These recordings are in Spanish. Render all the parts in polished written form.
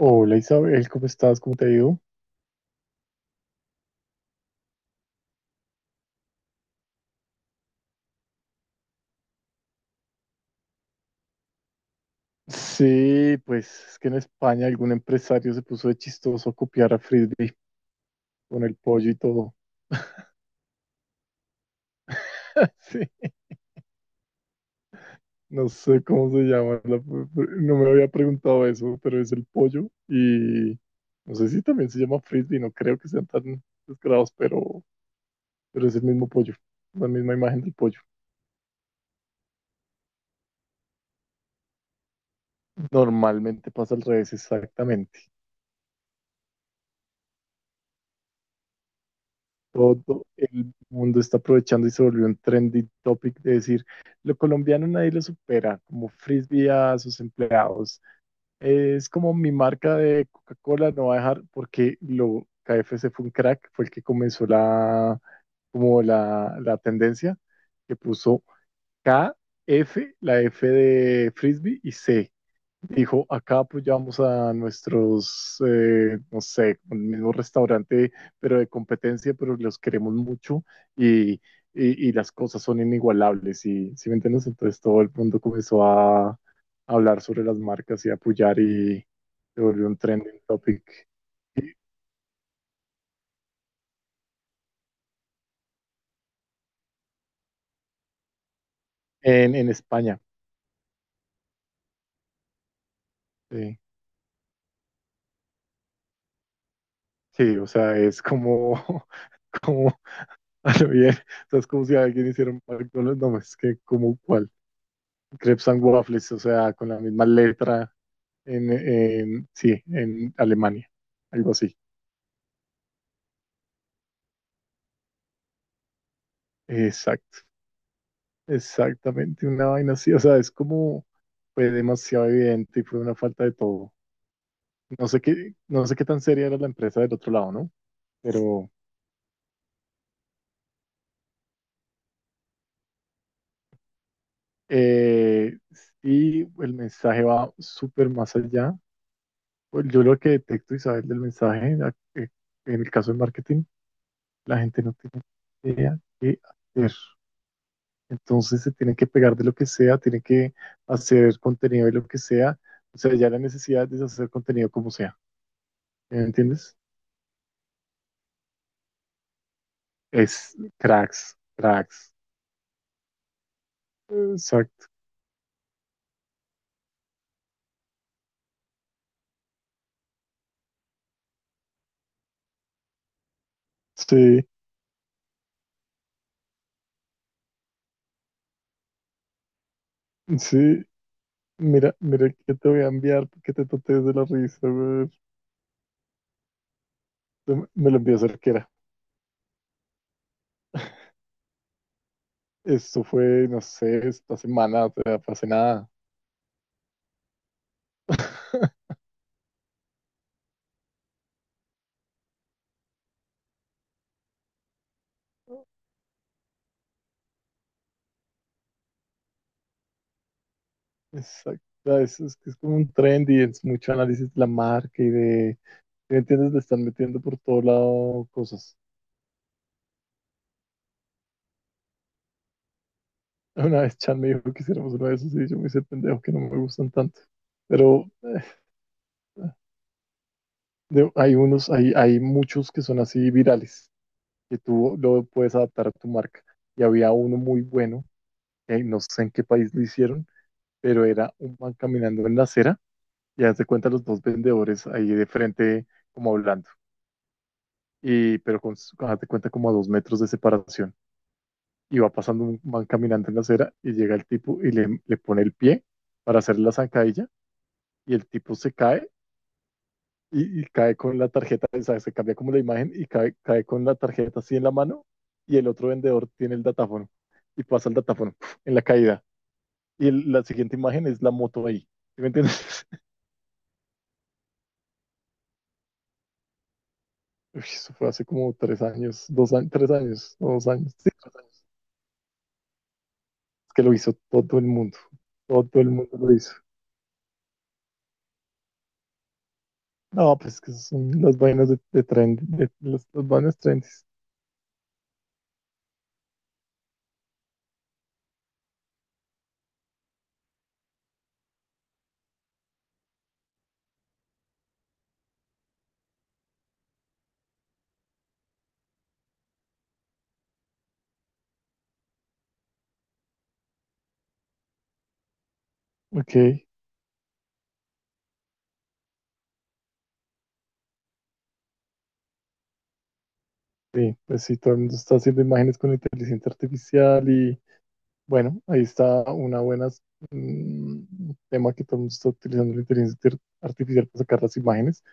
Hola Isabel, ¿cómo estás? ¿Cómo te ha ido? Sí, pues es que en España algún empresario se puso de chistoso a copiar a Frisbee con el pollo y todo. Sí, no sé cómo se llama, no me había preguntado eso, pero es el pollo y no sé si también se llama Frisbee, no creo que sean tan descarados, pero es el mismo pollo, la misma imagen del pollo. Normalmente pasa al revés, exactamente. Todo el mundo está aprovechando y se volvió un trendy topic de decir, lo colombiano nadie lo supera, como frisbee a sus empleados. Es como mi marca de Coca-Cola no va a dejar, porque lo KFC fue un crack, fue el que comenzó la tendencia, que puso K, F, la F de frisbee y C. Dijo, acá apoyamos a nuestros, no sé, el mismo restaurante, pero de competencia, pero los queremos mucho y, y- y las cosas son inigualables. Y, ¿sí me entiendes? Entonces todo el mundo comenzó a hablar sobre las marcas y a apoyar y se volvió un trending topic en España. Sí, sí, o sea, es como, como, a lo bien, o sea, es como si alguien hiciera un McDonald's, no, es que como, ¿cuál? Crepes and Waffles, o sea, con la misma letra sí, en Alemania, algo así. Exacto, exactamente, una vaina así, o sea, es como fue demasiado evidente y fue una falta de todo. No sé qué, no sé qué tan seria era la empresa del otro lado, ¿no? Pero eh, sí, el mensaje va súper más allá. Pues yo lo que detecto, Isabel, del mensaje, eh, en el caso del marketing, la gente no tiene idea qué hacer. Entonces se tienen que pegar de lo que sea, tienen que hacer contenido de lo que sea. O sea, ya la necesidad de hacer contenido como sea. ¿Me entiendes? Es cracks, cracks. Exacto. Sí, sí. Mira, mira que te voy a enviar que te totes de la risa, güey. Me lo envió Cerquera. Esto fue, no sé, esta semana, o sea, fue hace nada. Exacto. Es que es como un trend y es mucho análisis de la marca y de, ¿me entiendes? Le están metiendo por todo lado cosas. Una vez Chan me dijo que hiciéramos uno de esos y yo me hice pendejo que no me gustan tanto. Pero hay muchos que son así virales, que tú lo puedes adaptar a tu marca. Y había uno muy bueno, que no sé en qué país lo hicieron, pero era un man caminando en la acera y haz de cuenta los dos vendedores ahí de frente como hablando. Haz de cuenta como a dos metros de separación. Y va pasando un man caminando en la acera y llega el tipo y le pone el pie para hacer la zancadilla y el tipo se cae y cae con la tarjeta, o sea, se cambia como la imagen y cae con la tarjeta así en la mano y el otro vendedor tiene el datáfono y pasa el datáfono en la caída. Y la siguiente imagen es la moto ahí. ¿Sí me entiendes? Uy, eso fue hace como tres años, dos años, tres años, no, dos años, sí, tres años. Es que lo hizo todo el mundo, todo el mundo lo hizo. No, pues es que son las vainas de trend, de las vainas trendy. Ok, sí, pues sí, todo el mundo está haciendo imágenes con inteligencia artificial y, bueno, ahí está una buena tema que todo el mundo está utilizando la inteligencia artificial para sacar las imágenes.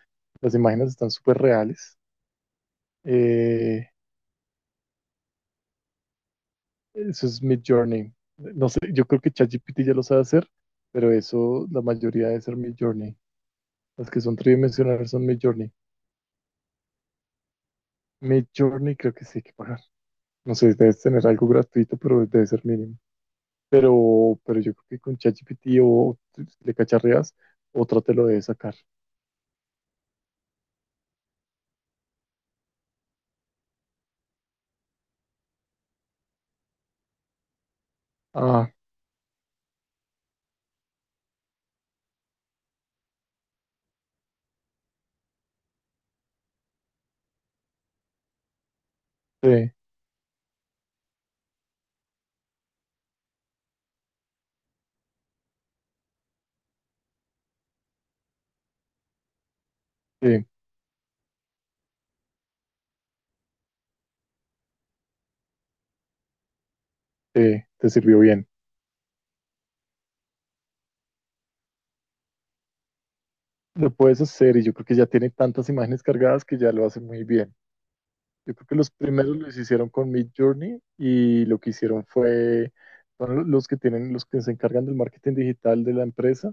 Las imágenes están súper reales. Eh, eso es Mid Journey. No sé, yo creo que ChatGPT ya lo sabe hacer, pero eso la mayoría debe ser Mid Journey. Las que son tridimensionales son Mid Journey. Mid Journey creo que sí hay que pagar. No sé, debes tener algo gratuito, pero debe ser mínimo. Pero yo creo que con ChatGPT o le cacharreas, otra te lo debe sacar. Ah, sí. Sí, te sirvió bien. Lo puedes hacer y yo creo que ya tiene tantas imágenes cargadas que ya lo hace muy bien. Yo creo que los primeros los hicieron con Mid Journey y lo que hicieron fue, son los que tienen, los que se encargan del marketing digital de la empresa,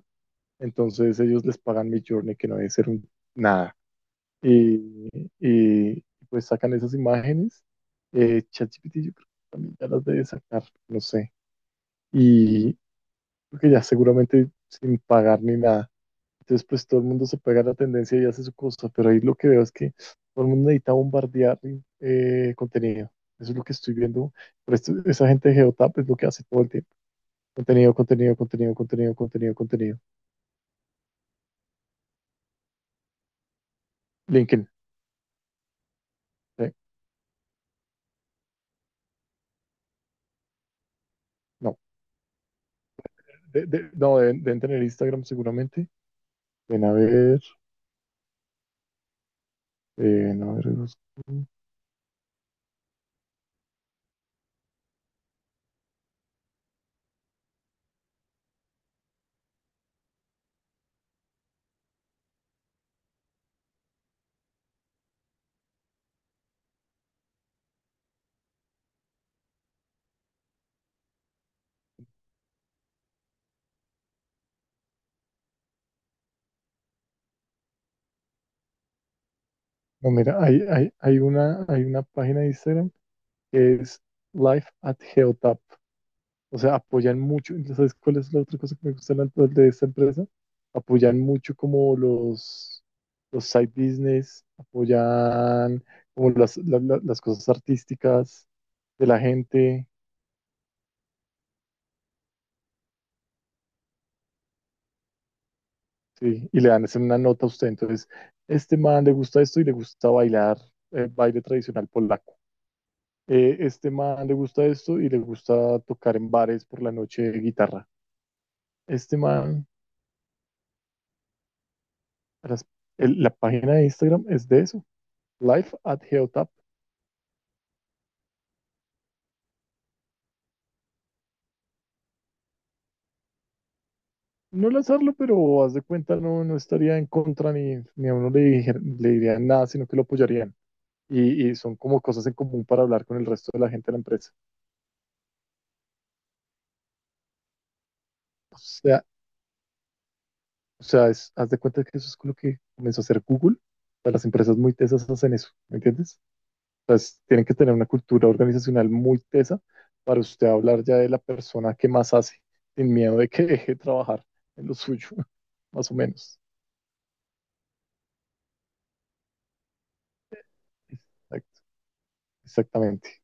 entonces ellos les pagan Mid Journey, que no debe ser nada. Y, y, pues sacan esas imágenes. ChatGPT yo creo que también ya las debe sacar, no sé. Y creo que ya seguramente sin pagar ni nada. Entonces, pues todo el mundo se pega a la tendencia y hace su cosa, pero ahí lo que veo es que todo el mundo necesita bombardear contenido. Eso es lo que estoy viendo. Pero esa gente de Geotap es lo que hace todo el tiempo. Contenido, contenido, contenido, contenido, contenido, contenido. LinkedIn. eh, no. No, deben tener Instagram seguramente. Ven a ver. Ven a ver. No, mira, hay una página de Instagram que es Life at Geotap. O sea, apoyan mucho. ¿Sabes cuál es la otra cosa que me gusta tanto de esta empresa? Apoyan mucho como los side business, apoyan como las cosas artísticas de la gente, ¿sí? Y le dan una nota a usted. Entonces, este man le gusta esto y le gusta bailar baile tradicional polaco. Este man le gusta esto y le gusta tocar en bares por la noche guitarra. Este man, las- la página de Instagram es de eso, Life at Geotap. No al hacerlo, pero haz de cuenta, no, no estaría en contra ni a uno le, le dirían nada, sino que lo apoyarían. Y son como cosas en común para hablar con el resto de la gente de la empresa. O sea, o sea, haz de cuenta que eso es con lo que comenzó a hacer Google. O sea, las empresas muy tesas hacen eso, ¿me entiendes? O sea, tienen que tener una cultura organizacional muy tesa para usted hablar ya de la persona que más hace, sin miedo de que deje de trabajar en lo suyo, más o menos. Exact- Exactamente.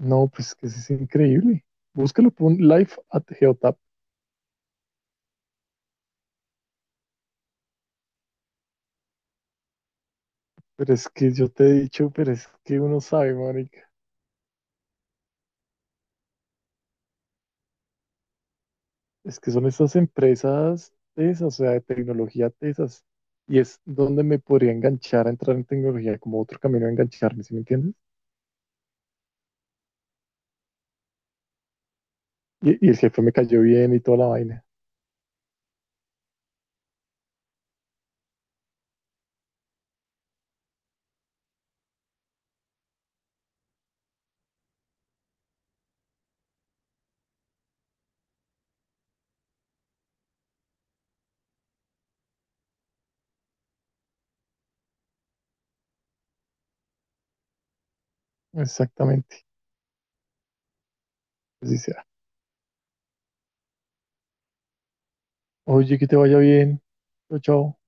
No, pues que eso es increíble. Búscalo por Life at Geotap. Pero es que yo te he dicho, pero es que uno sabe, marica. Es que son estas empresas tesas, o sea, de tecnología tesas. Y es donde me podría enganchar a entrar en tecnología, como otro camino a engancharme, ¿sí me entiendes? Y el jefe me cayó bien y toda la vaina. Exactamente. Así sea. Oye, que te vaya bien. Chao, chao.